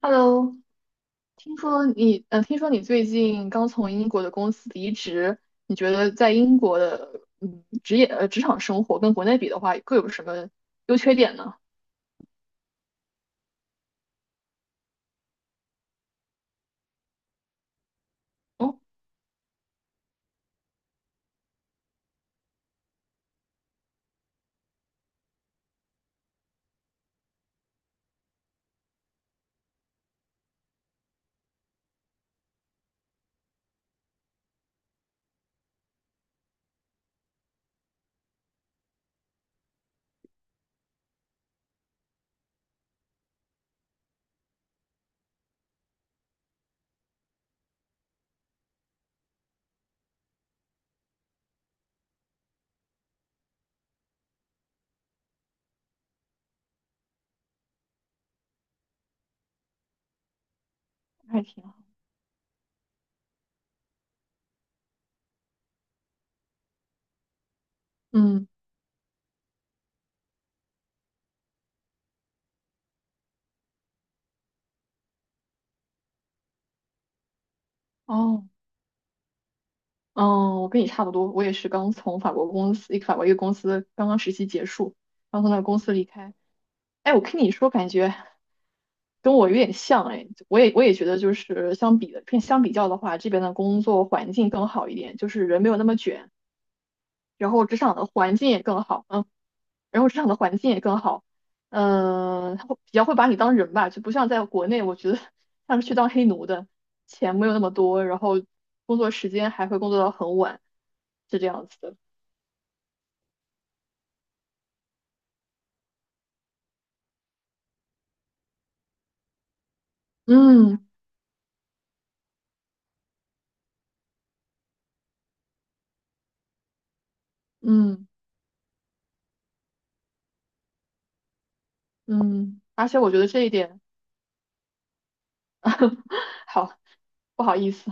Hello，听说你最近刚从英国的公司离职，你觉得在英国的，职场生活跟国内比的话，各有什么优缺点呢？哦，还挺好。嗯，哦，嗯，我跟你差不多，我也是刚从法国公司，一个法国一个公司刚刚实习结束，刚从那个公司离开。哎，我听你说，感觉跟我有点像，哎，我也觉得就是相比较的话，这边的工作环境更好一点，就是人没有那么卷。然后职场的环境也更好，嗯，然后职场的环境也更好，他会比较会把你当人吧，就不像在国内，我觉得像是去当黑奴的，钱没有那么多，然后工作时间还会工作到很晚，是这样子的。嗯嗯嗯，而且我觉得这一点。好，不好意思。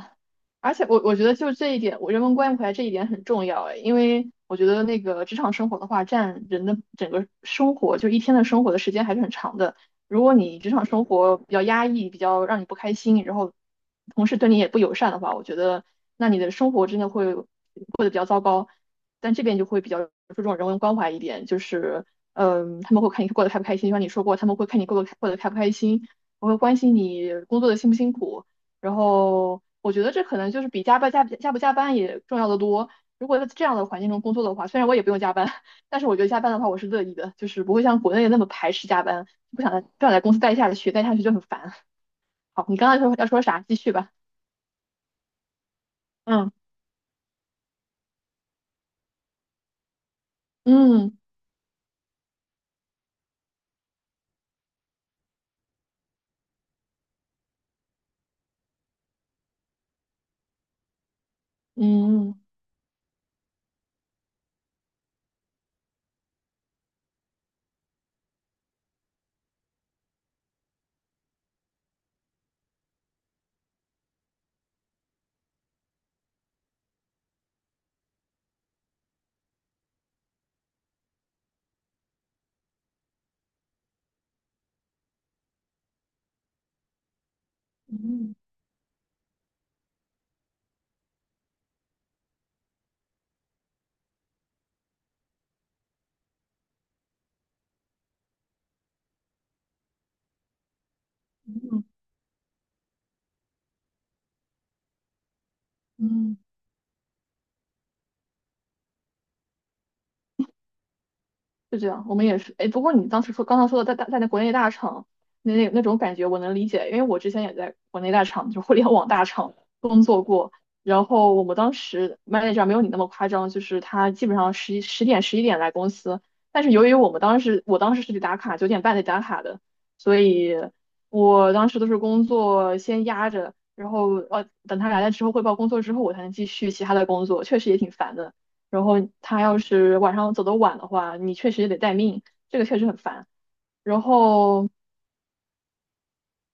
而且我觉得就这一点，我人文关怀这一点很重要哎，因为我觉得那个职场生活的话，占人的整个生活，就一天的生活的时间还是很长的。如果你职场生活比较压抑，比较让你不开心，然后同事对你也不友善的话，我觉得那你的生活真的会。但这边就会比较注重人文关怀一点，就是他们会看你过得开不开心，就像你说过，他们会看你过得开不开心，我会关心你工作的辛不辛苦，然后我觉得这可能就是比加班加不加班也重要的多。如果在这样的环境中工作的话，虽然我也不用加班，但是我觉得加班的话我是乐意的，就是不会像国内那么排斥加班，不想在公司待下去，待下去就很烦。好，你刚刚说要说啥？继续吧。嗯嗯嗯嗯嗯嗯。嗯嗯。就这样，我们也是。哎，不过你当时说刚刚说的在那国内大厂那种感觉，我能理解，因为我之前也在国内大厂，就互联网大厂 工作过。然后我们当时 manager 没有你那么夸张，就是他基本上十一点来公司，但是由于我们当时我当时是得打卡，9点半得打卡的，所以我当时都是工作先压着，然后等他来了之后汇报工作之后，我才能继续其他的工作，确实也挺烦的。然后他要是晚上走得晚的话，你确实也得待命，这个确实很烦。然后，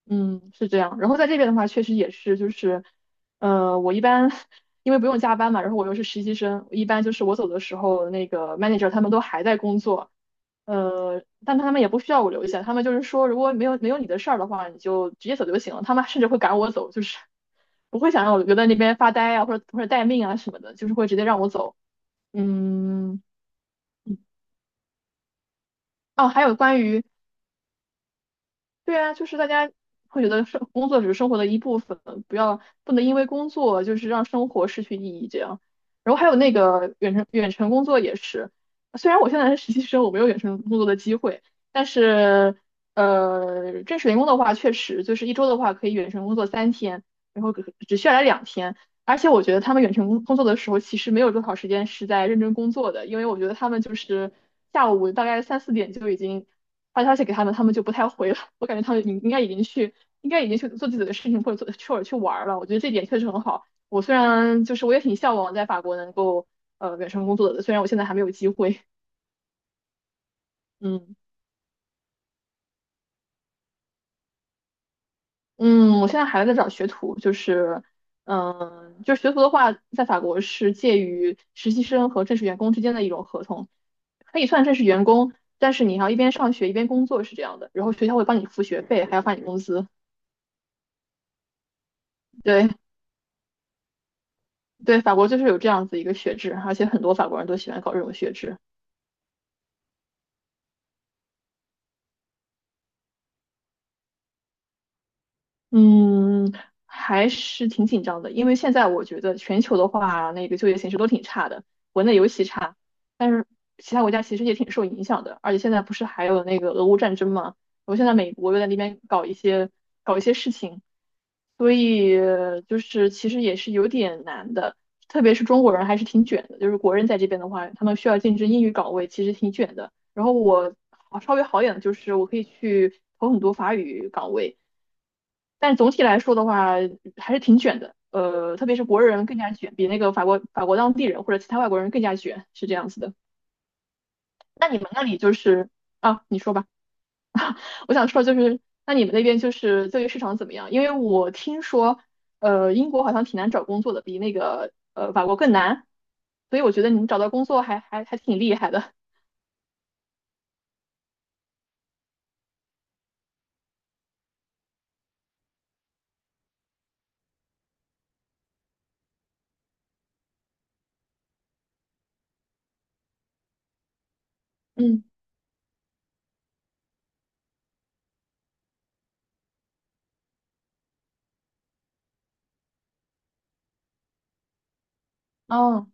嗯，是这样。然后在这边的话，确实也是，就是，我一般 因为不用加班嘛，然后我又是实习生，一般就是我走的时候，那个 manager 他们都还在工作，但他们也不需要我留下，他们就是说，如果没有你的事儿的话，你就直接走就行了。他们甚至会赶我走，就是不会想让我留在那边发呆啊，或者待命啊什么的，就是会直接让我走。嗯。嗯。哦，还有关于，对啊，就是大家会觉得生工作只是生活的一部分，不要不能因为工作就是让生活失去意义这样。然后还有那个远程工作也是，虽然我现在是实习生，我没有远程工作的机会，但是正式员工的话，确实就是一周的话可以远程工作3天，然后只需要来2天。而且我觉得他们远程工作的时候，其实没有多少时间是在认真工作的，因为我觉得他们就是下午大概三四点就已经。发消息给他们，他们就不太回了。我感觉他们应应该已经去，应该已经去做自己的事情，或者去玩儿了。我觉得这点确实很好。我虽然就是我也挺向往在法国能够远程工作的，虽然我现在还没有机会。嗯嗯，我现在还在找学徒，就是就是学徒的话，在法国是介于实习生和正式员工之间的一种合同，可以算正式员工，但是你要一边上学一边工作是这样的，然后学校会帮你付学费，还要发你工资。对。对，法国就是有这样子一个学制，而且很多法国人都喜欢搞这种学制。嗯，还是挺紧张的，因为现在我觉得全球的话，那个就业形势都挺差的，国内尤其差，但是其他国家其实也挺受影响的，而且现在不是还有那个俄乌战争嘛，我现在美国又在那边搞一些事情，所以就是其实也是有点难的，特别是中国人还是挺卷的，就是国人在这边的话，他们需要竞争英语岗位，其实挺卷的。然后稍微好一点的就是我可以去投很多法语岗位。但总体来说的话，还是挺卷的。特别是国人更加卷，比那个法国当地人或者其他外国人更加卷，是这样子的。那你们那里就是啊，你说吧，我想说就是，那你们那边就是就业市场怎么样？因为我听说，英国好像挺难找工作的，比那个法国更难，所以我觉得你们找到工作还还还挺厉害的。嗯，哦，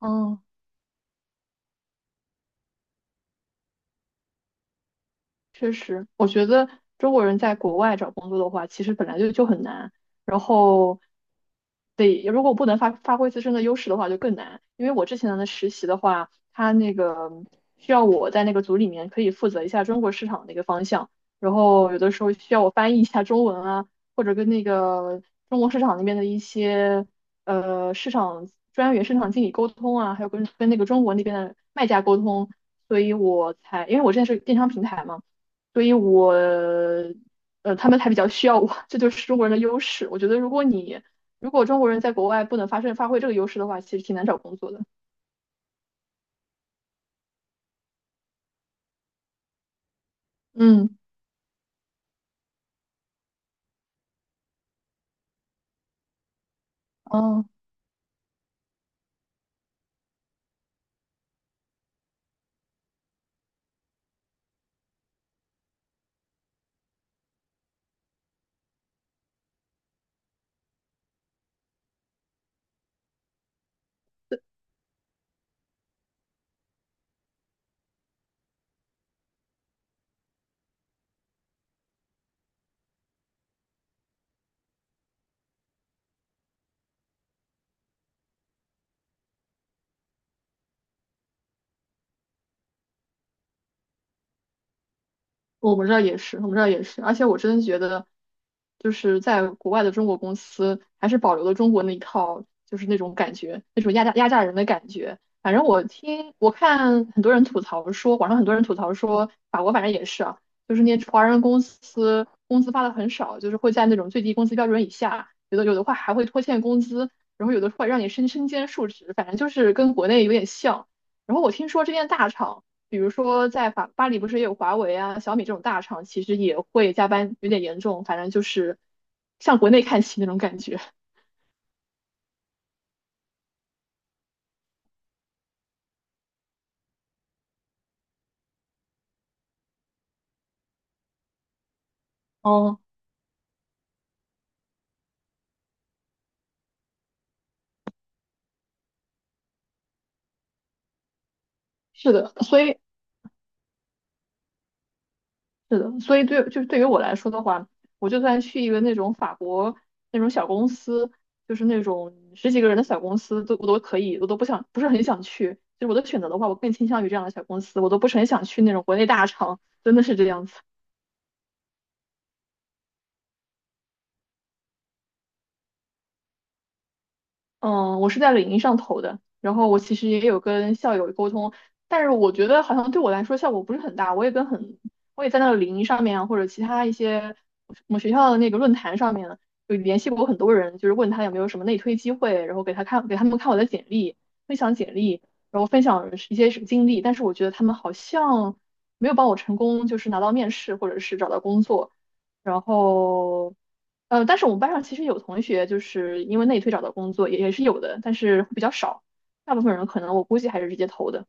哦。确实，我觉得中国人在国外找工作的话，其实本来就很难，然后得如果不能发挥自身的优势的话，就更难。因为我之前的实习的话，他那个需要我在那个组里面可以负责一下中国市场的一个方向，然后有的时候需要我翻译一下中文啊，或者跟那个中国市场那边的一些市场专员、市场经理沟通啊，还有跟那个中国那边的卖家沟通，所以我才因为我之前是电商平台嘛。所以我他们还比较需要我，这就是中国人的优势。我觉得，如果中国人在国外不能发挥这个优势的话，其实挺难找工作的。嗯，哦。我们这儿也是，我们这儿也是，而且我真的觉得，就是在国外的中国公司还是保留了中国那一套，就是那种感觉，那种压榨人的感觉。反正我看很多人吐槽说，网上很多人吐槽说，法国反正也是啊，就是那些华人公司工资发的很少，就是会在那种最低工资标准以下，有的话还会拖欠工资，然后有的会让你身兼数职，反正就是跟国内有点像。然后我听说这边大厂。比如说在法巴黎不是也有华为啊、小米这种大厂，其实也会加班有点严重，反正就是向国内看齐那种感觉。哦，是的，所以对于我来说的话，我就算去一个那种法国那种小公司，就是那种十几个人的小公司，都我都可以，我都不想不是很想去。就是我的选择的话，我更倾向于这样的小公司，我都不是很想去那种国内大厂，真的是这样子。嗯，我是在领英上投的，然后我其实也有跟校友沟通，但是我觉得好像对我来说效果不是很大。我也在那个领英上面啊，或者其他一些我们学校的那个论坛上面有联系过很多人，就是问他有没有什么内推机会，给他们看我的简历，分享简历，然后分享一些经历，但是我觉得他们好像没有帮我成功，就是拿到面试或者是找到工作。然后但是我们班上其实有同学就是因为内推找到工作，也是有的，但是比较少。大部分人可能我估计还是直接投的。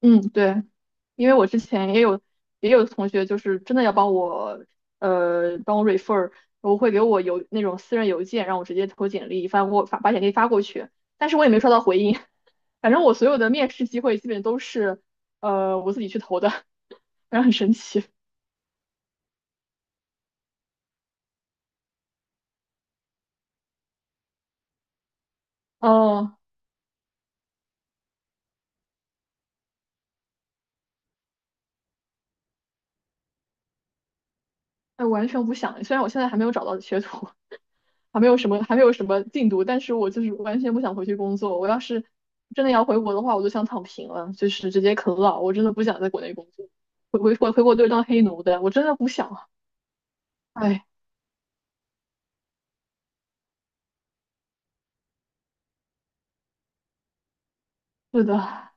嗯，对，因为我之前也有同学就是真的要帮我 refer，我会给我邮那种私人邮件让我直接投简历，发把简历发过去，但是我也没收到回应。反正我所有的面试机会基本都是我自己去投的，反正很神奇。哦，哎，完全不想，虽然我现在还没有找到学徒。还没有什么进度，但是我就是完全不想回去工作。我要是真的要回国的话，我就想躺平了，就是直接啃老。我真的不想在国内工作，回国都是当黑奴的，我真的不想。哎，是的，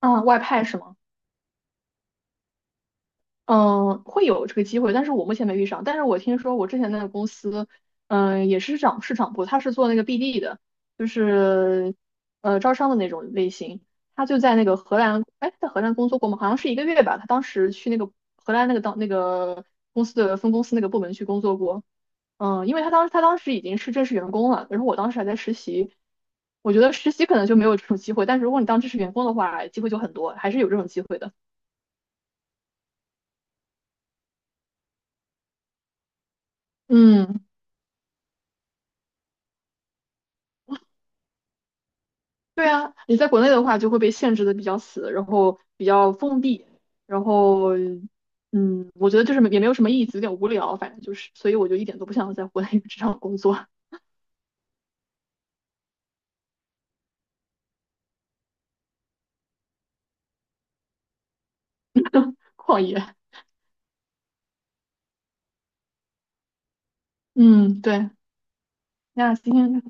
啊，外派是吗？嗯，会有这个机会，但是我目前没遇上。但是我听说我之前那个公司，嗯、也是涨市场部，他是做那个 BD 的，就是招商的那种类型。他就在那个荷兰，哎，在荷兰工作过吗？好像是一个月吧。他当时去那个荷兰那个当那个公司的分公司那个部门去工作过。嗯，因为他当时已经是正式员工了，然后我当时还在实习。我觉得实习可能就没有这种机会，但是如果你当正式员工的话，机会就很多，还是有这种机会的。嗯。对啊，你在国内的话就会被限制的比较死，然后比较封闭，然后嗯，我觉得就是也没有什么意思，有点无聊，反正就是，所以我就一点都不想在国内职场工作，旷野。嗯，对，那今天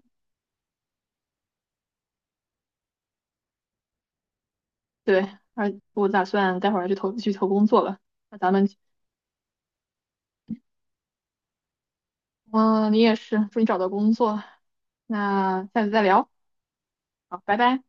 对，而我打算待会儿去投工作了。那咱们，嗯，你也是，祝你找到工作。那下次再聊，好，拜拜。